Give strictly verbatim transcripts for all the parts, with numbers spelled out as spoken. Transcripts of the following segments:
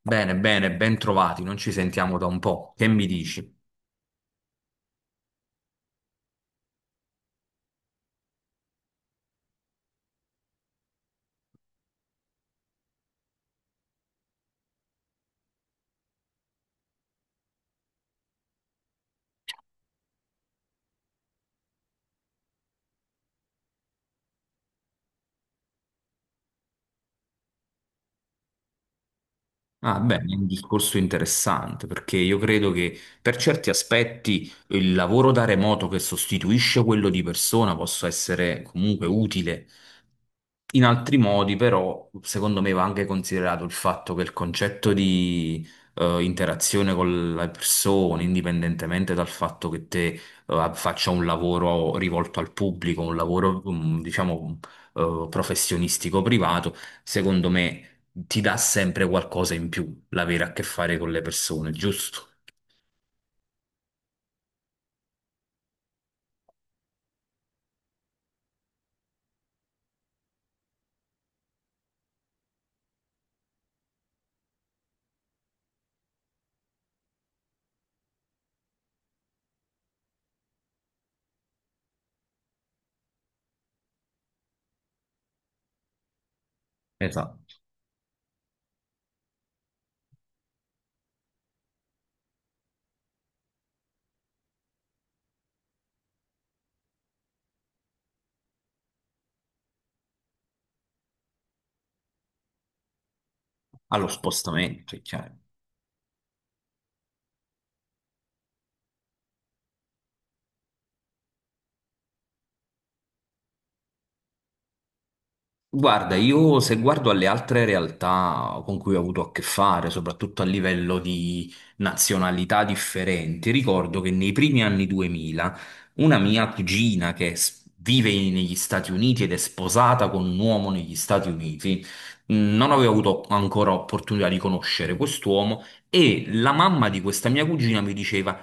Bene, bene, ben trovati, non ci sentiamo da un po'. Che mi dici? Ah, beh, è un discorso interessante perché io credo che per certi aspetti il lavoro da remoto che sostituisce quello di persona possa essere comunque utile. In altri modi, però, secondo me va anche considerato il fatto che il concetto di eh, interazione con le persone, indipendentemente dal fatto che te eh, faccia un lavoro rivolto al pubblico, un lavoro, mm, diciamo, eh, professionistico privato, secondo me ti dà sempre qualcosa in più l'avere a che fare con le persone, giusto? Esatto, allo spostamento, è chiaro. Guarda, io se guardo alle altre realtà con cui ho avuto a che fare, soprattutto a livello di nazionalità differenti, ricordo che nei primi anni duemila una mia cugina che s- vive in- negli Stati Uniti ed è sposata con un uomo negli Stati Uniti, mh, non avevo avuto ancora opportunità di conoscere quest'uomo e la mamma di questa mia cugina mi diceva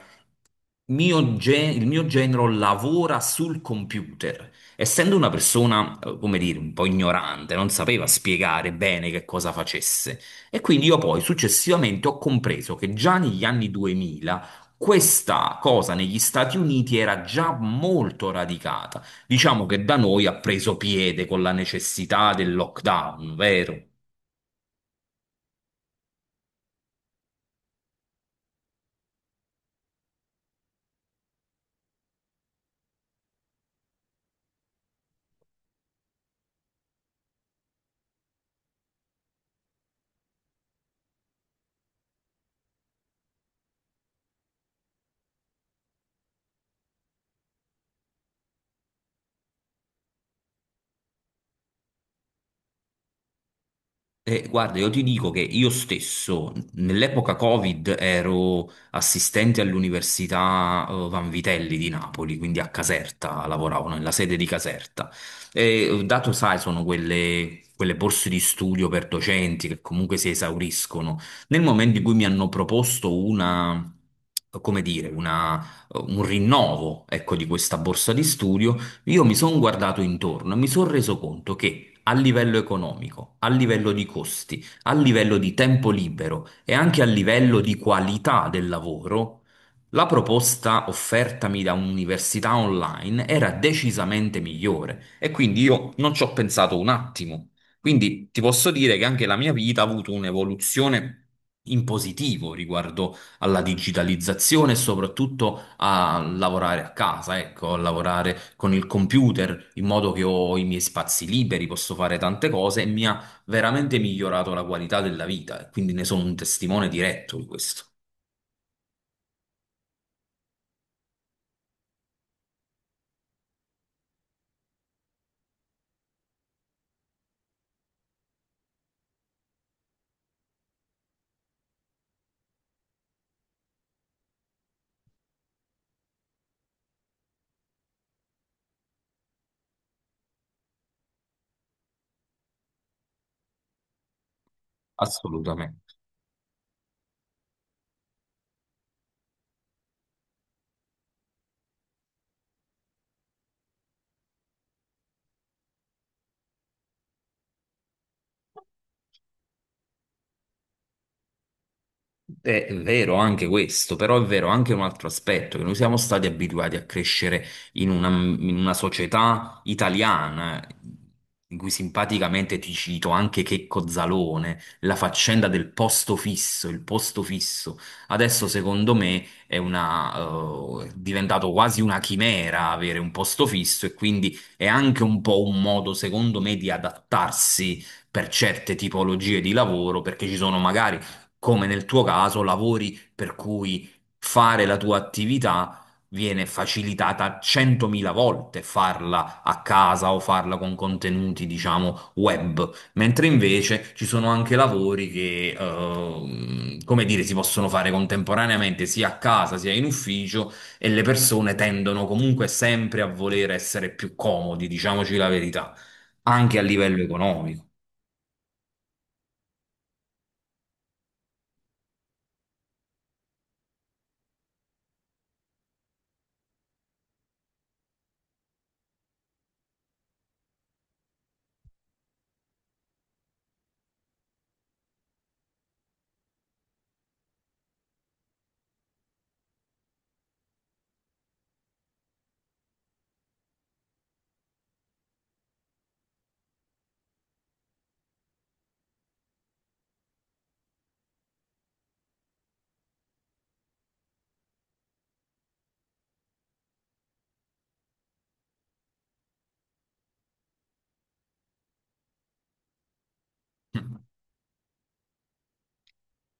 mio gen- il mio genero lavora sul computer. Essendo una persona, eh, come dire, un po' ignorante, non sapeva spiegare bene che cosa facesse. E quindi io poi successivamente ho compreso che già negli anni duemila questa cosa negli Stati Uniti era già molto radicata. Diciamo che da noi ha preso piede con la necessità del lockdown, vero? Eh, guarda, io ti dico che io stesso nell'epoca Covid ero assistente all'Università eh, Van Vitelli di Napoli, quindi a Caserta, lavoravo no, nella sede di Caserta. E, eh, dato, sai, sono quelle, quelle borse di studio per docenti che comunque si esauriscono. Nel momento in cui mi hanno proposto una, come dire, una- un rinnovo, ecco, di questa borsa di studio, io mi sono guardato intorno e mi sono reso conto che a livello economico, a livello di costi, a livello di tempo libero e anche a livello di qualità del lavoro, la proposta offertami da un'università online era decisamente migliore e quindi io non ci ho pensato un attimo. Quindi ti posso dire che anche la mia vita ha avuto un'evoluzione in positivo riguardo alla digitalizzazione e soprattutto a lavorare a casa, ecco, a lavorare con il computer in modo che ho i miei spazi liberi, posso fare tante cose e mi ha veramente migliorato la qualità della vita e quindi ne sono un testimone diretto di questo. Assolutamente. È vero anche questo, però è vero anche un altro aspetto, che noi siamo stati abituati a crescere in una, in una società italiana, in cui simpaticamente ti cito anche Checco Zalone, la faccenda del posto fisso, il posto fisso. Adesso secondo me è una, eh, è diventato quasi una chimera avere un posto fisso e quindi è anche un po' un modo, secondo me, di adattarsi per certe tipologie di lavoro, perché ci sono magari come nel tuo caso, lavori per cui fare la tua attività viene facilitata centomila volte farla a casa o farla con contenuti, diciamo, web, mentre invece ci sono anche lavori che, ehm, come dire, si possono fare contemporaneamente sia a casa sia in ufficio e le persone tendono comunque sempre a voler essere più comodi, diciamoci la verità, anche a livello economico.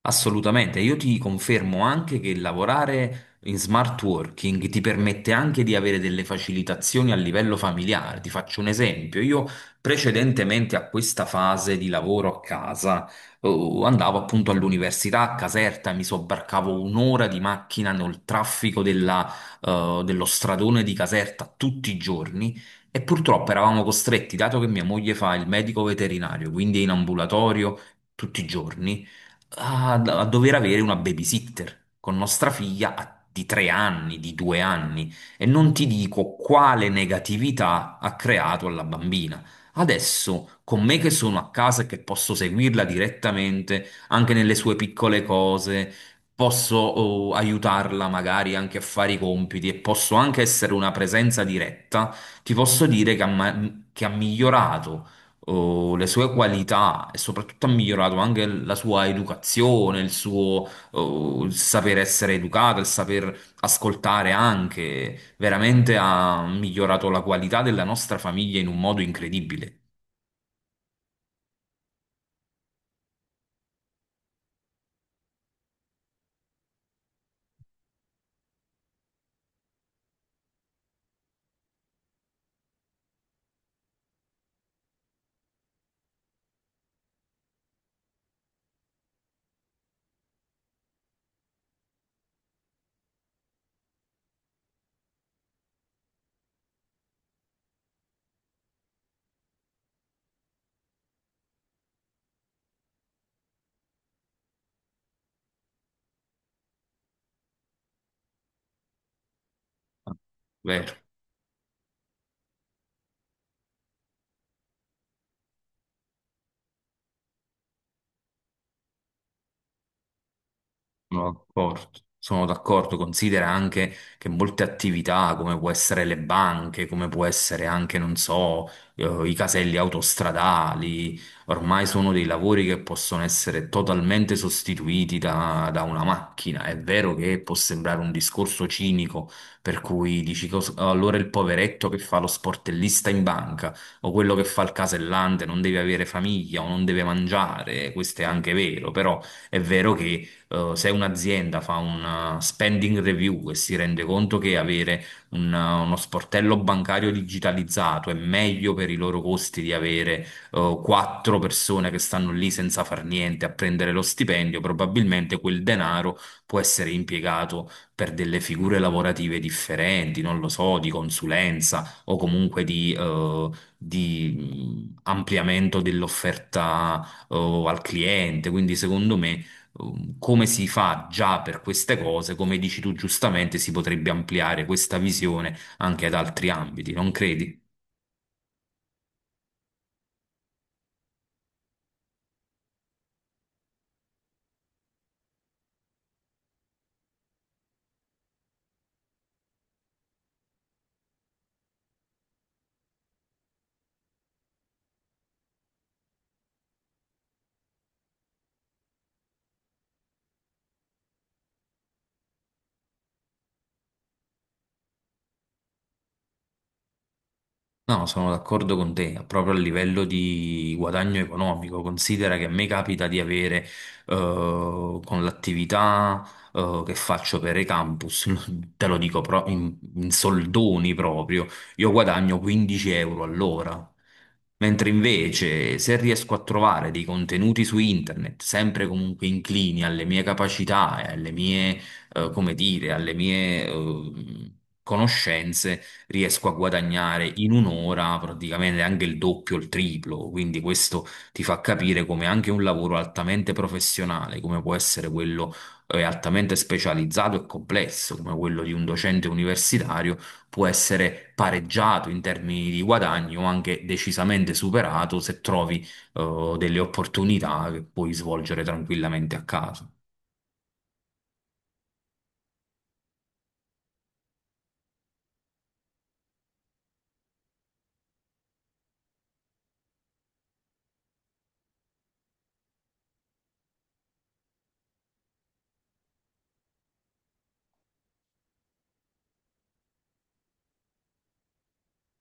Assolutamente, io ti confermo anche che lavorare in smart working ti permette anche di avere delle facilitazioni a livello familiare. Ti faccio un esempio, io precedentemente a questa fase di lavoro a casa, eh, andavo appunto all'università a Caserta, mi sobbarcavo un'ora di macchina nel traffico della, eh, dello stradone di Caserta tutti i giorni. E purtroppo eravamo costretti, dato che mia moglie fa il medico veterinario, quindi è in ambulatorio tutti i giorni, a, a dover avere una babysitter con nostra figlia a- di tre anni, di due anni, e non ti dico quale negatività ha creato alla bambina. Adesso, con me che sono a casa e che posso seguirla direttamente anche nelle sue piccole cose, posso oh, aiutarla magari anche a fare i compiti e posso anche essere una presenza diretta, ti posso dire che ha ma- che ha migliorato eh, le sue qualità e soprattutto ha migliorato anche la sua educazione, il suo eh, il saper essere educato, il saper ascoltare anche, veramente ha migliorato la qualità della nostra famiglia in un modo incredibile. Vero. Sono d'accordo, sono d'accordo. Considera anche che molte attività, come può essere le banche, come può essere anche, non so, eh, i caselli autostradali, ormai sono dei lavori che possono essere totalmente sostituiti da, da una macchina. È vero che può sembrare un discorso cinico, per cui dici "Cos- allora il poveretto che fa lo sportellista in banca o quello che fa il casellante non deve avere famiglia o non deve mangiare, questo è anche vero, però è vero che eh, se un'azienda fa una spending review e si rende conto che avere un- eh, uno sportello bancario digitalizzato è meglio per i loro costi di avere eh, quattro persone che stanno lì senza far niente a prendere lo stipendio, probabilmente quel denaro può essere impiegato per delle figure lavorative differenti, non lo so, di consulenza o comunque di, eh, di, mh, ampliamento dell'offerta, eh, al cliente. Quindi, secondo me um, come si fa già per queste cose, come dici tu giustamente, si potrebbe ampliare questa visione anche ad altri ambiti, non credi? No, sono d'accordo con te, proprio a livello di guadagno economico. Considera che a me capita di avere, eh, con l'attività, eh, che faccio per i campus, te lo dico pro- in, in soldoni proprio, io guadagno quindici euro all'ora. Mentre invece, se riesco a trovare dei contenuti su internet, sempre comunque inclini alle mie capacità e alle mie, eh, come dire, alle mie, eh, conoscenze, riesco a guadagnare in un'ora praticamente anche il doppio, il triplo, quindi questo ti fa capire come anche un lavoro altamente professionale, come può essere quello eh, altamente specializzato e complesso, come quello di un docente universitario, può essere pareggiato in termini di guadagno o anche decisamente superato se trovi eh, delle opportunità che puoi svolgere tranquillamente a casa.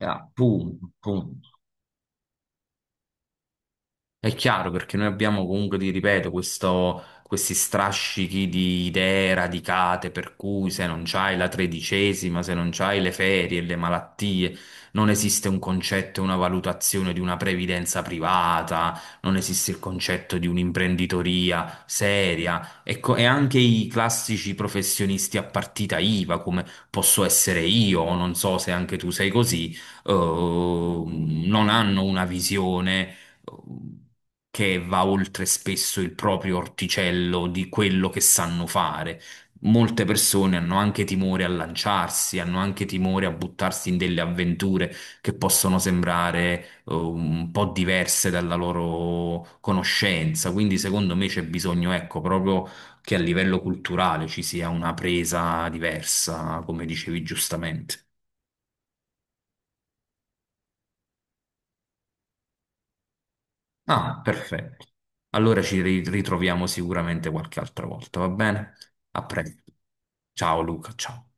Eh, Appunto, appunto. È chiaro perché noi abbiamo comunque, ti ripeto, questo- questi strascichi di idee radicate per cui se non c'hai la tredicesima, se non c'hai le ferie, le malattie, non esiste un concetto e una valutazione di una previdenza privata, non esiste il concetto di un'imprenditoria seria. Ecco, e anche i classici professionisti a partita IVA, come posso essere io, o non so se anche tu sei così, ehm, non hanno una visione che va oltre spesso il proprio orticello di quello che sanno fare. Molte persone hanno anche timore a lanciarsi, hanno anche timore a buttarsi in delle avventure che possono sembrare eh, un po' diverse dalla loro conoscenza. Quindi, secondo me, c'è bisogno, ecco, proprio che a livello culturale ci sia una presa diversa, come dicevi giustamente. Ah, perfetto. Allora ci ri- ritroviamo sicuramente qualche altra volta, va bene? A presto. Ciao Luca, ciao.